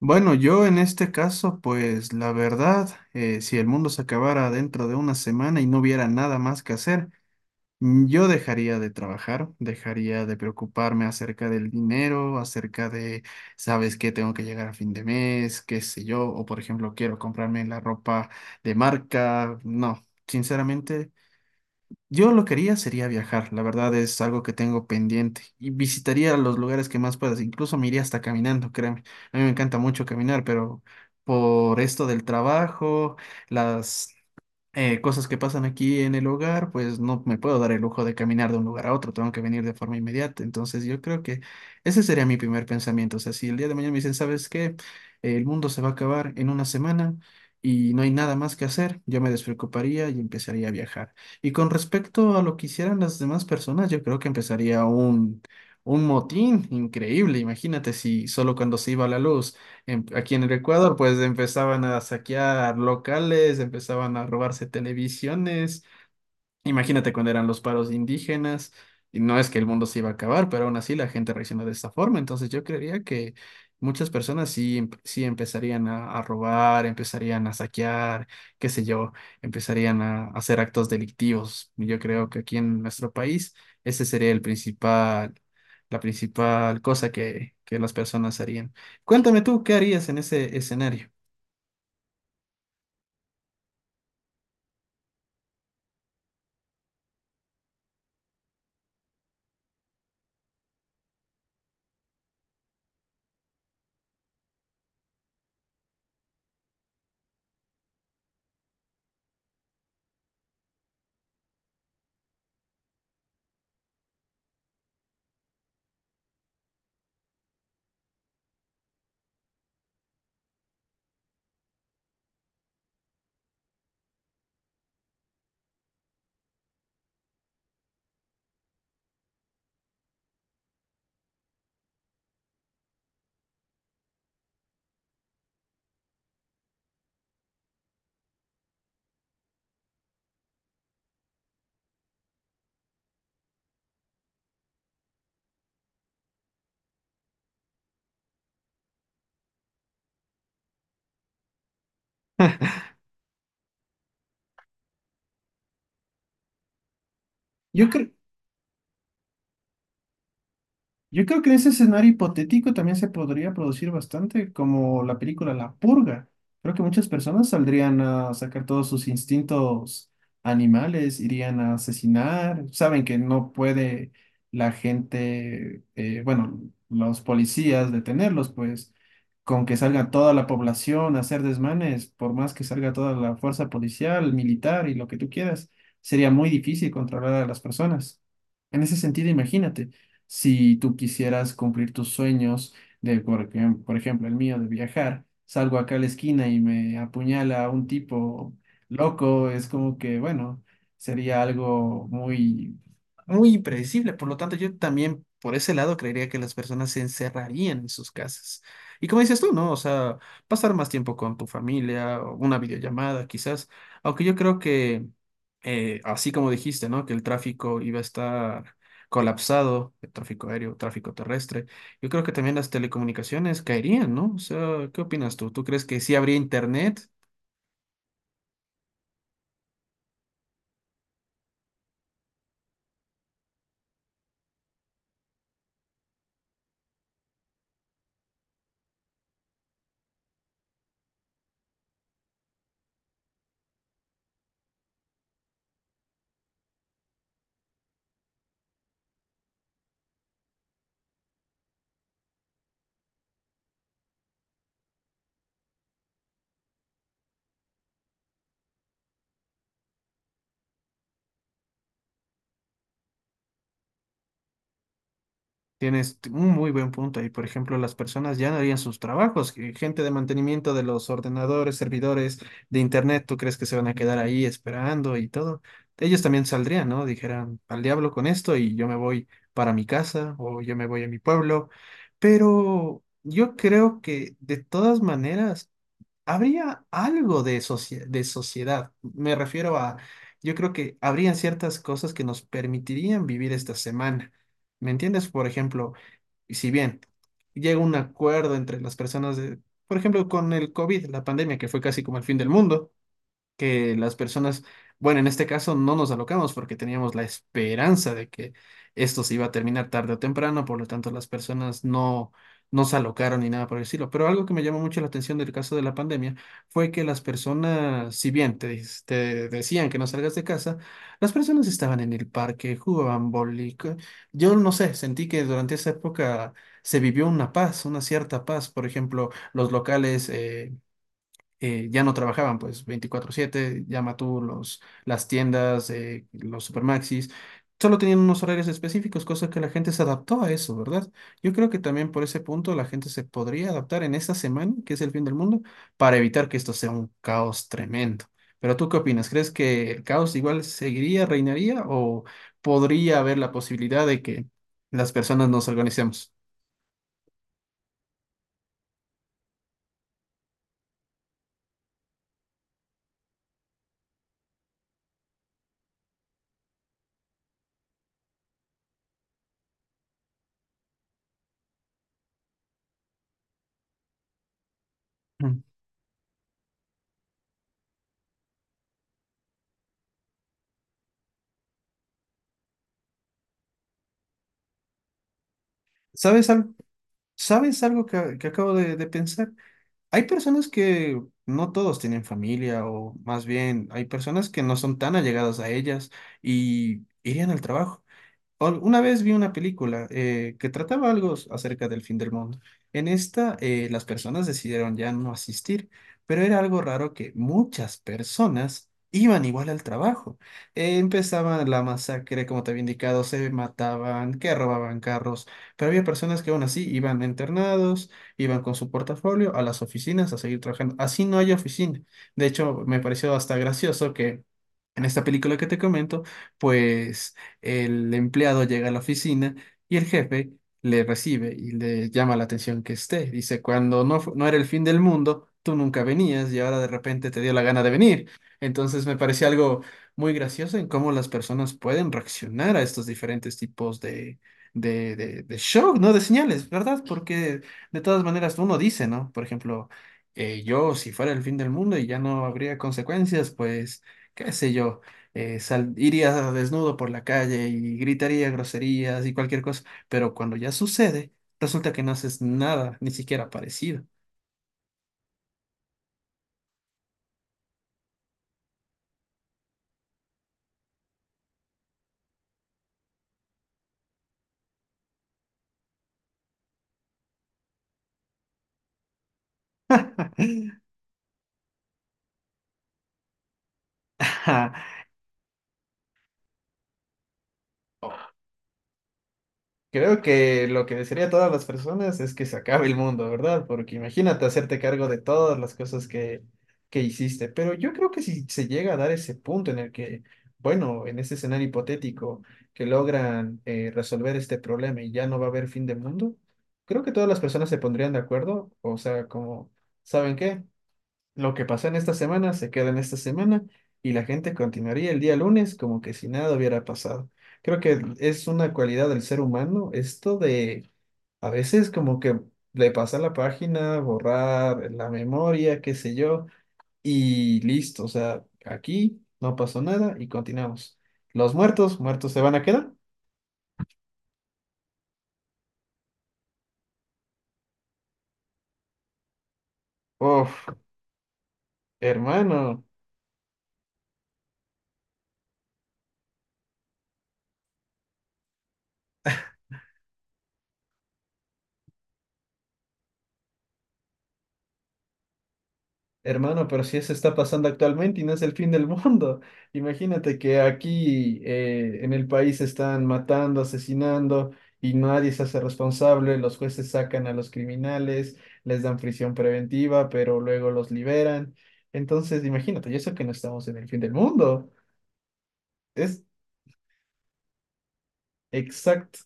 Bueno, yo en este caso, pues la verdad, si el mundo se acabara dentro de una semana y no hubiera nada más que hacer, yo dejaría de trabajar, dejaría de preocuparme acerca del dinero, acerca de, ¿sabes qué? Tengo que llegar a fin de mes, qué sé yo, o por ejemplo, quiero comprarme la ropa de marca. No, sinceramente. Yo lo que haría sería viajar, la verdad es algo que tengo pendiente y visitaría los lugares que más puedas, incluso me iría hasta caminando, créeme. A mí me encanta mucho caminar, pero por esto del trabajo, las cosas que pasan aquí en el hogar, pues no me puedo dar el lujo de caminar de un lugar a otro, tengo que venir de forma inmediata. Entonces yo creo que ese sería mi primer pensamiento. O sea, si el día de mañana me dicen, ¿sabes qué? El mundo se va a acabar en una semana y no hay nada más que hacer, yo me despreocuparía y empezaría a viajar. Y con respecto a lo que hicieran las demás personas, yo creo que empezaría un... Un motín increíble, imagínate si solo cuando se iba la luz aquí en el Ecuador, pues empezaban a saquear locales, empezaban a robarse televisiones. Imagínate cuando eran los paros indígenas, y no es que el mundo se iba a acabar, pero aún así la gente reaccionó de esta forma. Entonces yo creería que muchas personas sí, sí empezarían a robar, empezarían a saquear, qué sé yo, empezarían a hacer actos delictivos. Yo creo que aquí en nuestro país ese sería el principal, la principal cosa que las personas harían. Cuéntame tú, ¿qué harías en ese escenario? Yo, cre- Yo creo que en ese escenario hipotético también se podría producir bastante, como la película La Purga. Creo que muchas personas saldrían a sacar todos sus instintos animales, irían a asesinar. Saben que no puede la gente, bueno, los policías detenerlos, pues con que salga toda la población a hacer desmanes, por más que salga toda la fuerza policial, militar y lo que tú quieras, sería muy difícil controlar a las personas. En ese sentido, imagínate. Si tú quisieras cumplir tus sueños de, por ejemplo, el mío de viajar, salgo acá a la esquina y me apuñala un tipo loco, es como que, bueno, sería algo muy impredecible. Por lo tanto, yo también por ese lado creería que las personas se encerrarían en sus casas. Y como dices tú, ¿no? O sea, pasar más tiempo con tu familia, o una videollamada quizás, aunque yo creo que, así como dijiste, ¿no? Que el tráfico iba a estar colapsado, el tráfico aéreo, tráfico terrestre. Yo creo que también las telecomunicaciones caerían, ¿no? O sea, ¿qué opinas tú? ¿Tú crees que sí habría internet? Tienes un muy buen punto ahí. Por ejemplo, las personas ya no harían sus trabajos. Que Gente de mantenimiento de los ordenadores, servidores de internet, ¿tú crees que se van a quedar ahí esperando y todo? Ellos también saldrían, ¿no? Dijeran, al diablo con esto y yo me voy para mi casa o yo me voy a mi pueblo. Pero yo creo que de todas maneras habría algo de, de sociedad. Me refiero a, yo creo que habrían ciertas cosas que nos permitirían vivir esta semana. ¿Me entiendes? Por ejemplo, si bien llega un acuerdo entre las personas de, por ejemplo, con el COVID, la pandemia, que fue casi como el fin del mundo, que las personas, bueno, en este caso no nos alocamos porque teníamos la esperanza de que esto se iba a terminar tarde o temprano, por lo tanto las personas no, no se alocaron ni nada por el estilo. Pero algo que me llamó mucho la atención del caso de la pandemia fue que las personas, si bien te decían que no salgas de casa, las personas estaban en el parque, jugaban boli. Yo no sé, sentí que durante esa época se vivió una paz, una cierta paz. Por ejemplo, los locales... ya no trabajaban pues 24/7, llama tú los, las tiendas, los supermaxis, solo tenían unos horarios específicos, cosa que la gente se adaptó a eso, ¿verdad? Yo creo que también por ese punto la gente se podría adaptar en esta semana, que es el fin del mundo, para evitar que esto sea un caos tremendo. Pero ¿tú qué opinas? ¿Crees que el caos igual seguiría, reinaría o podría haber la posibilidad de que las personas nos organicemos? Mm. ¿Sabes algo? ¿Sabes algo que acabo de pensar? Hay personas que no todos tienen familia, o más bien hay personas que no son tan allegadas a ellas y irían al trabajo. Una vez vi una película que trataba algo acerca del fin del mundo. En esta, las personas decidieron ya no asistir, pero era algo raro que muchas personas iban igual al trabajo. Empezaban la masacre, como te había indicado, se mataban, que robaban carros, pero había personas que aún así iban internados, iban con su portafolio a las oficinas a seguir trabajando. Así no hay oficina. De hecho, me pareció hasta gracioso que en esta película que te comento, pues el empleado llega a la oficina y el jefe le recibe y le llama la atención que esté. Dice, cuando no, no era el fin del mundo, tú nunca venías y ahora de repente te dio la gana de venir. Entonces me pareció algo muy gracioso en cómo las personas pueden reaccionar a estos diferentes tipos de shock, ¿no? De señales, ¿verdad? Porque de todas maneras uno dice, ¿no? Por ejemplo, yo si fuera el fin del mundo y ya no habría consecuencias, pues qué sé yo iría desnudo por la calle y gritaría groserías y cualquier cosa, pero cuando ya sucede, resulta que no haces nada, ni siquiera parecido. Creo que lo que desearía a todas las personas es que se acabe el mundo, ¿verdad? Porque imagínate hacerte cargo de todas las cosas que hiciste. Pero yo creo que si se llega a dar ese punto en el que, bueno, en ese escenario hipotético, que logran resolver este problema y ya no va a haber fin de mundo, creo que todas las personas se pondrían de acuerdo. O sea, como, ¿saben qué? Lo que pasa en esta semana se queda en esta semana y la gente continuaría el día lunes como que si nada hubiera pasado. Creo que es una cualidad del ser humano esto de a veces como que le pasa la página, borrar la memoria, qué sé yo, y listo. O sea, aquí no pasó nada y continuamos. Los muertos, muertos se van a quedar. Uf, hermano. Hermano, pero si eso está pasando actualmente y no es el fin del mundo. Imagínate que aquí en el país están matando, asesinando y nadie se hace responsable. Los jueces sacan a los criminales, les dan prisión preventiva, pero luego los liberan. Entonces, imagínate, y eso que no estamos en el fin del mundo. Es exacto.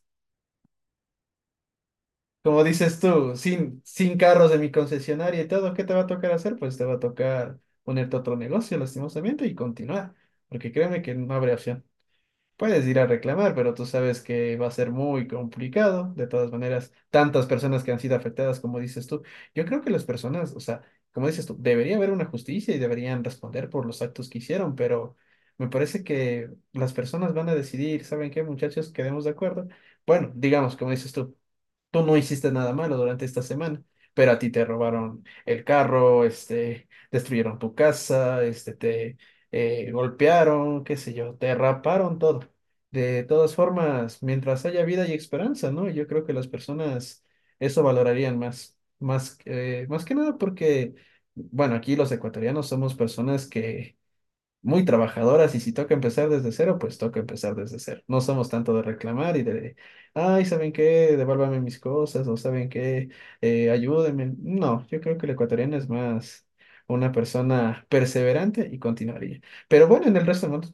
Como dices tú, sin carros de mi concesionaria y todo, ¿qué te va a tocar hacer? Pues te va a tocar ponerte a otro negocio, lastimosamente, y continuar, porque créeme que no habrá opción. Puedes ir a reclamar, pero tú sabes que va a ser muy complicado. De todas maneras, tantas personas que han sido afectadas, como dices tú. Yo creo que las personas, o sea, como dices tú, debería haber una justicia y deberían responder por los actos que hicieron, pero me parece que las personas van a decidir, ¿saben qué, muchachos? Quedemos de acuerdo. Bueno, digamos, como dices tú, tú no hiciste nada malo durante esta semana, pero a ti te robaron el carro, este, destruyeron tu casa, este, te golpearon, qué sé yo, te raparon todo. De todas formas, mientras haya vida y esperanza, ¿no? Yo creo que las personas eso valorarían más que nada porque, bueno, aquí los ecuatorianos somos personas que muy trabajadoras y si toca empezar desde cero, pues toca empezar desde cero. No somos tanto de reclamar y de, ay, ¿saben qué? Devuélvame mis cosas o ¿saben qué? Ayúdenme. No, yo creo que el ecuatoriano es más una persona perseverante y continuaría. Pero bueno, en el resto del mundo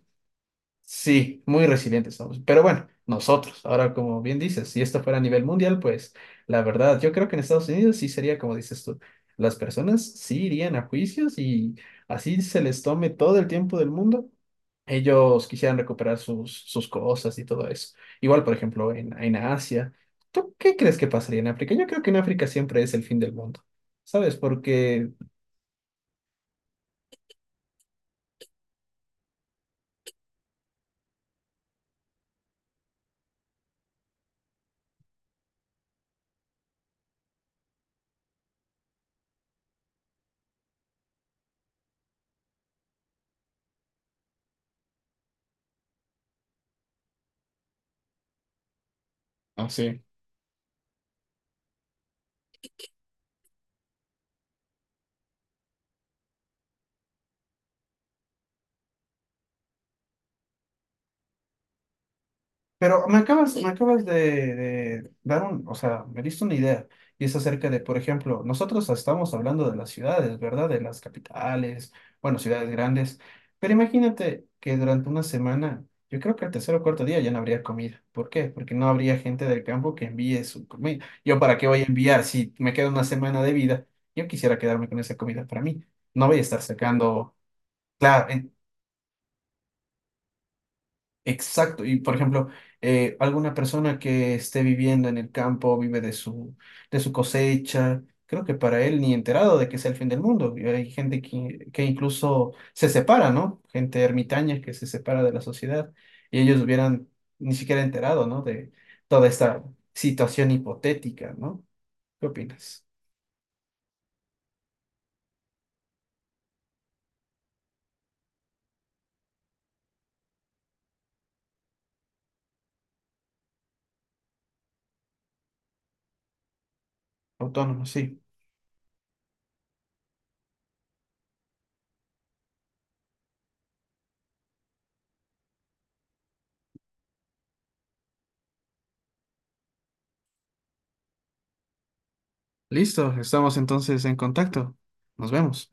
Sí, muy resilientes somos. Pero bueno, nosotros, ahora como bien dices, si esto fuera a nivel mundial, pues la verdad, yo creo que en Estados Unidos sí sería como dices tú. Las personas sí irían a juicios y así se les tome todo el tiempo del mundo. Ellos quisieran recuperar sus cosas y todo eso. Igual, por ejemplo, en Asia. ¿Tú qué crees que pasaría en África? Yo creo que en África siempre es el fin del mundo. ¿Sabes? Porque, no sé, pero me acabas, me acabas de dar un, o sea, me diste una idea. Y es acerca de, por ejemplo, nosotros estamos hablando de las ciudades, ¿verdad? De las capitales, bueno, ciudades grandes. Pero imagínate que durante una semana, yo creo que el tercer o cuarto día ya no habría comida. ¿Por qué? Porque no habría gente del campo que envíe su comida. ¿Yo para qué voy a enviar si me queda una semana de vida? Yo quisiera quedarme con esa comida para mí. No voy a estar sacando, claro, exacto. Y por ejemplo, alguna persona que esté viviendo en el campo, vive de su cosecha, creo que para él ni enterado de que es el fin del mundo. Y hay gente que incluso se separa, ¿no? Gente ermitaña que se separa de la sociedad y ellos hubieran ni siquiera enterado, ¿no? De toda esta situación hipotética, ¿no? ¿Qué opinas? Autónomo, sí. Listo, estamos entonces en contacto. Nos vemos.